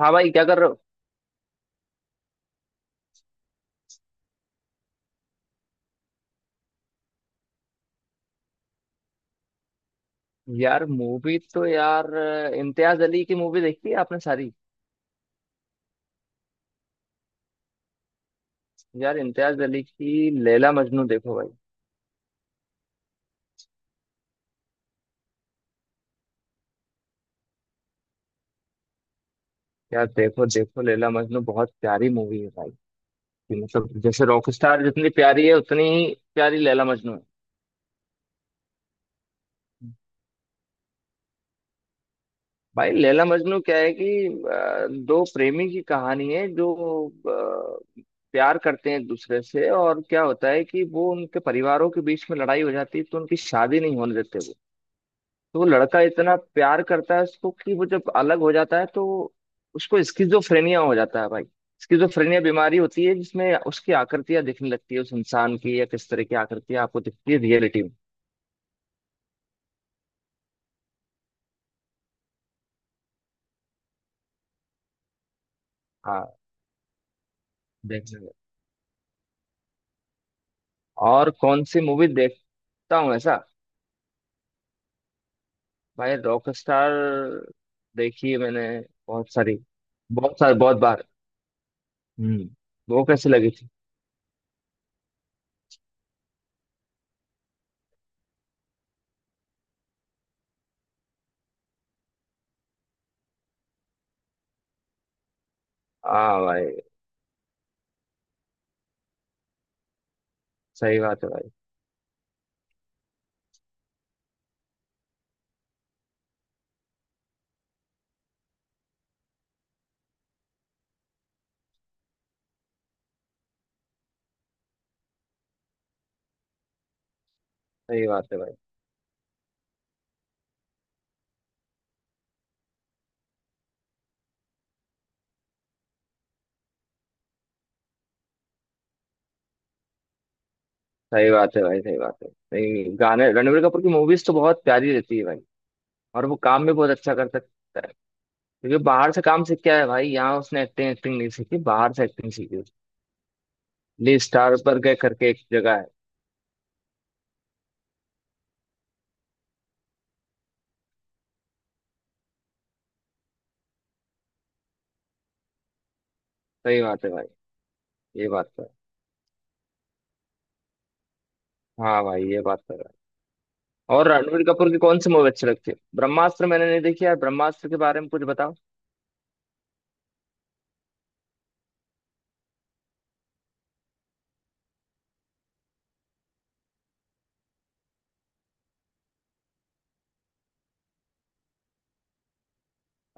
हाँ भाई, क्या कर रहे हो? यार मूवी तो यार इम्तियाज अली की मूवी देखी है आपने सारी? यार इम्तियाज अली की लैला मजनू देखो भाई। यार देखो देखो, लैला मजनू बहुत प्यारी मूवी है भाई। कि मतलब जैसे रॉकस्टार जितनी प्यारी है उतनी ही प्यारी लैला मजनू है। भाई लैला मजनू क्या है कि दो प्रेमी की कहानी है जो अ, प्यार करते हैं एक दूसरे से, और क्या होता है कि वो उनके परिवारों के बीच में लड़ाई हो जाती है तो उनकी शादी नहीं होने देते वो। तो वो लड़का इतना प्यार करता है उसको, कि वो जब अलग हो जाता है तो उसको स्किजोफ्रेनिया हो जाता है भाई। स्किजोफ्रेनिया बीमारी होती है जिसमें उसकी आकृतियां दिखने लगती है उस इंसान की, या किस तरह की आकृतियां आपको दिखती है रियलिटी में। हाँ, देखेंगे। और कौन सी मूवी देखता हूँ ऐसा? भाई रॉक स्टार देखी है मैंने, बहुत सारी, बहुत सारी, बहुत बार। हम्म, वो कैसी लगी थी? हाँ भाई। सही बात है भाई। सही बात है भाई। सही बात है भाई। सही बात है। नहीं, गाने रणबीर कपूर की मूवीज तो बहुत प्यारी रहती है भाई। और वो काम भी बहुत अच्छा कर सकता है। क्योंकि बाहर से काम सीख के आया है भाई, यहाँ उसने एक्टिंग एक्टिंग नहीं सीखी, बाहर से एक्टिंग सीखी उसने। ली स्टार पर गए करके एक जगह है। सही बात है भाई। ये बात तो है। हाँ भाई, ये बात तो है। और रणबीर कपूर की कौन सी मूवी अच्छी लगती है? ब्रह्मास्त्र मैंने नहीं देखी यार, ब्रह्मास्त्र के बारे में कुछ बताओ।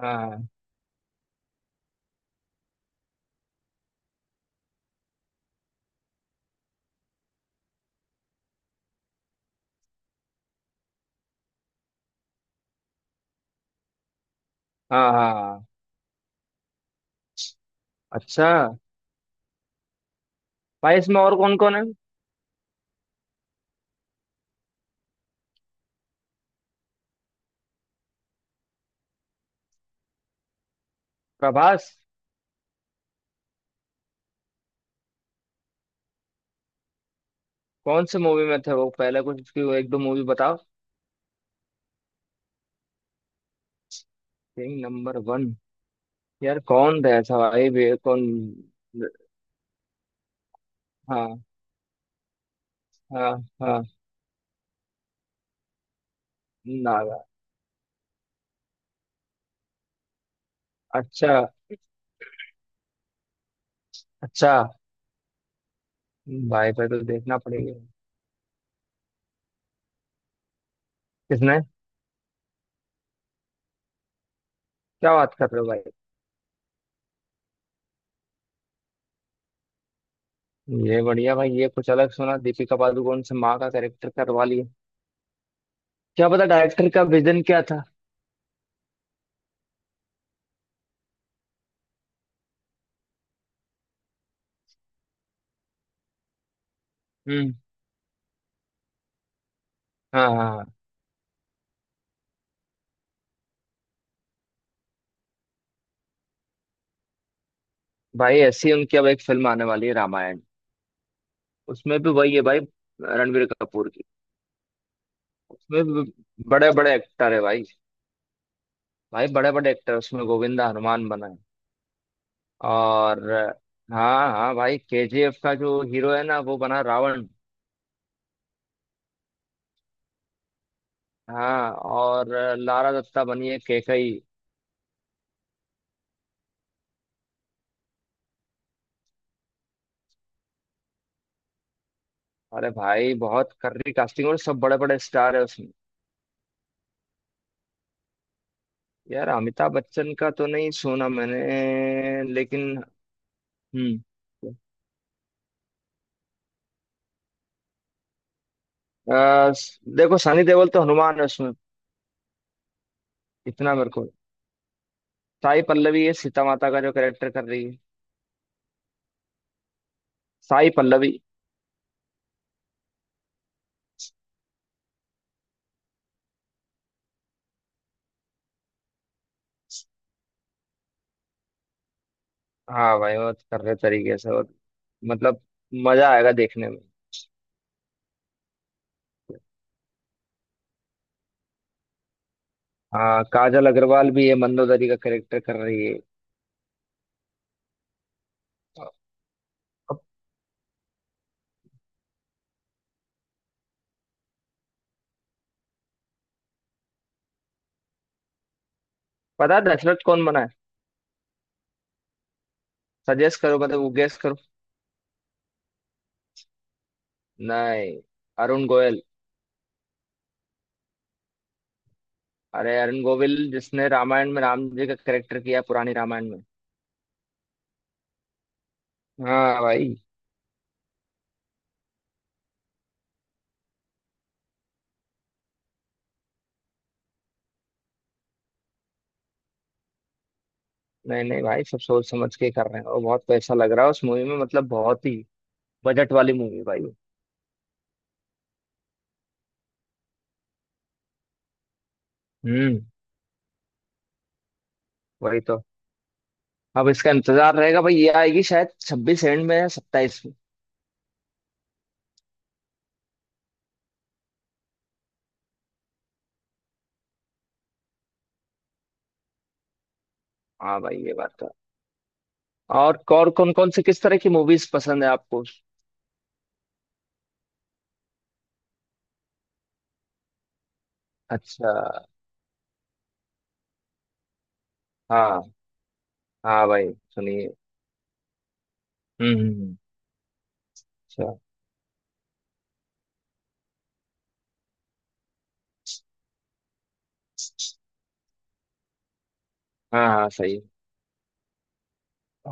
हाँ, हाँ, हाँ, हाँ। अच्छा। भाई इसमें और कौन कौन है? प्रभास। कौन से मूवी में थे वो पहले? कुछ उसकी एक दो मूवी बताओ। King number one. यार कौन था ऐसा भाई, बे कौन? हाँ, हाँ, हाँ, नागा। अच्छा। अच्छा, भाई पे तो देखना पड़ेगा। किसने? क्या बात कर रहे हो भाई। ये बढ़िया भाई, ये कुछ अलग सुना, दीपिका पादुकोण से माँ का कैरेक्टर करवा लिया। क्या पता डायरेक्टर का विजन क्या था। हम्म। हाँ, हाँ, हाँ। भाई ऐसी उनकी अब एक फिल्म आने वाली है, रामायण। उसमें भी वही है भाई। रणबीर कपूर की। उसमें भी बड़े बड़े एक्टर है भाई। भाई बड़े बड़े एक्टर उसमें, गोविंदा हनुमान बना है। और, हाँ हाँ भाई, केजीएफ का जो हीरो है ना वो बना रावण। हाँ, और लारा दत्ता बनी है केकई। अरे भाई बहुत कर्री कास्टिंग, और सब बड़े बड़े स्टार है उसमें। यार अमिताभ बच्चन का तो नहीं सुना मैंने, लेकिन। हम्म। देखो सनी देओल तो हनुमान है उसमें। इतना मेरे को। साई पल्लवी है, सीता माता का जो कैरेक्टर कर रही है। साई पल्लवी। हाँ भाई, वो कर रहे तरीके से, और मतलब मजा आएगा देखने में। हाँ, काजल अग्रवाल भी है, मंदोदरी का कैरेक्टर कर रही है। अब पता है दशरथ कौन बना है? सजेस्ट करो, मतलब वो गेस करो। नहीं। अरुण गोयल। अरे अरुण गोविल, जिसने रामायण में राम जी का कैरेक्टर किया, पुरानी रामायण में। हाँ भाई। नहीं नहीं भाई, सब सोच समझ के कर रहे हैं, और बहुत पैसा लग रहा है उस मूवी में, मतलब बहुत ही बजट वाली मूवी भाई वो। हम्म। वही तो। अब इसका इंतजार रहेगा भाई, ये आएगी शायद 26 एंड में या 27 में। हाँ भाई, ये बात तो है। और कौन कौन सी, किस तरह की मूवीज पसंद है आपको? अच्छा। हाँ, हाँ भाई। सुनिए। हम्म, हम्म। अच्छा। हाँ, हाँ, सही।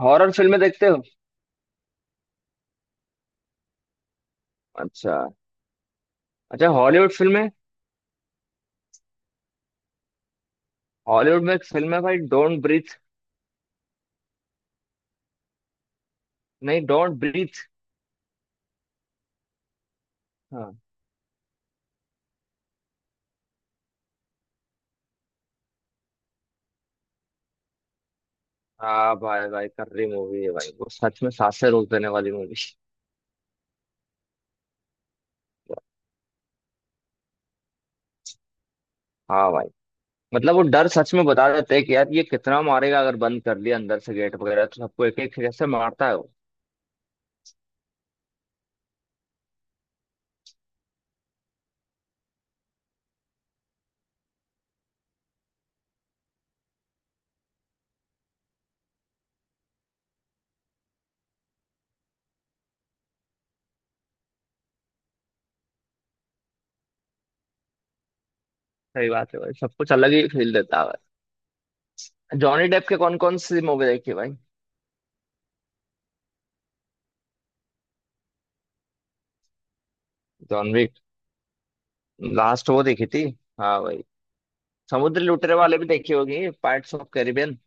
हॉरर फिल्में देखते हो? अच्छा। अच्छा, हॉलीवुड फिल्में? हॉलीवुड में एक फिल्म है भाई, डोंट ब्रीथ। नहीं, डोंट ब्रीथ। हाँ। हाँ भाई, भाई कर्री मूवी है भाई वो, सच में सांसें रोक देने वाली मूवी। हाँ भाई, मतलब वो डर सच में बता देते हैं, कि यार ये कितना मारेगा अगर बंद कर लिया अंदर से गेट वगैरह, तो सबको एक एक जैसे मारता है वो। सही बात है भाई, सब कुछ अलग ही फील देता है भाई। जॉनी डेप के कौन कौन सी मूवी देखी भाई? John Wick. लास्ट वो देखी थी। हाँ भाई। समुद्री लुटेरे वाले भी देखी होगी, पाइरेट्स ऑफ कैरिबियन।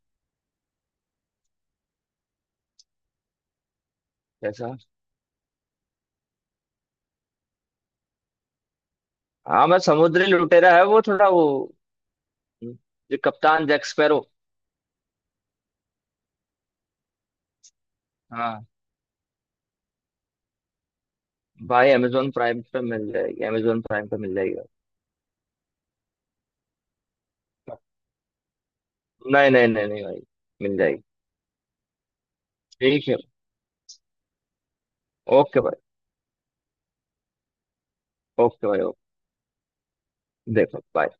जैसा। हाँ, मैं समुद्री लुटेरा है वो, थोड़ा वो। जो कप्तान जैक स्पैरो। हाँ। भाई अमेजोन प्राइम पे मिल जाएगी, अमेजोन प्राइम पे मिल जाएगी। भाई नहीं, नहीं, नहीं, नहीं भाई। मिल जाएगी। ठीक है। ओके भाई। ओके भाई, ओके। देखो bye।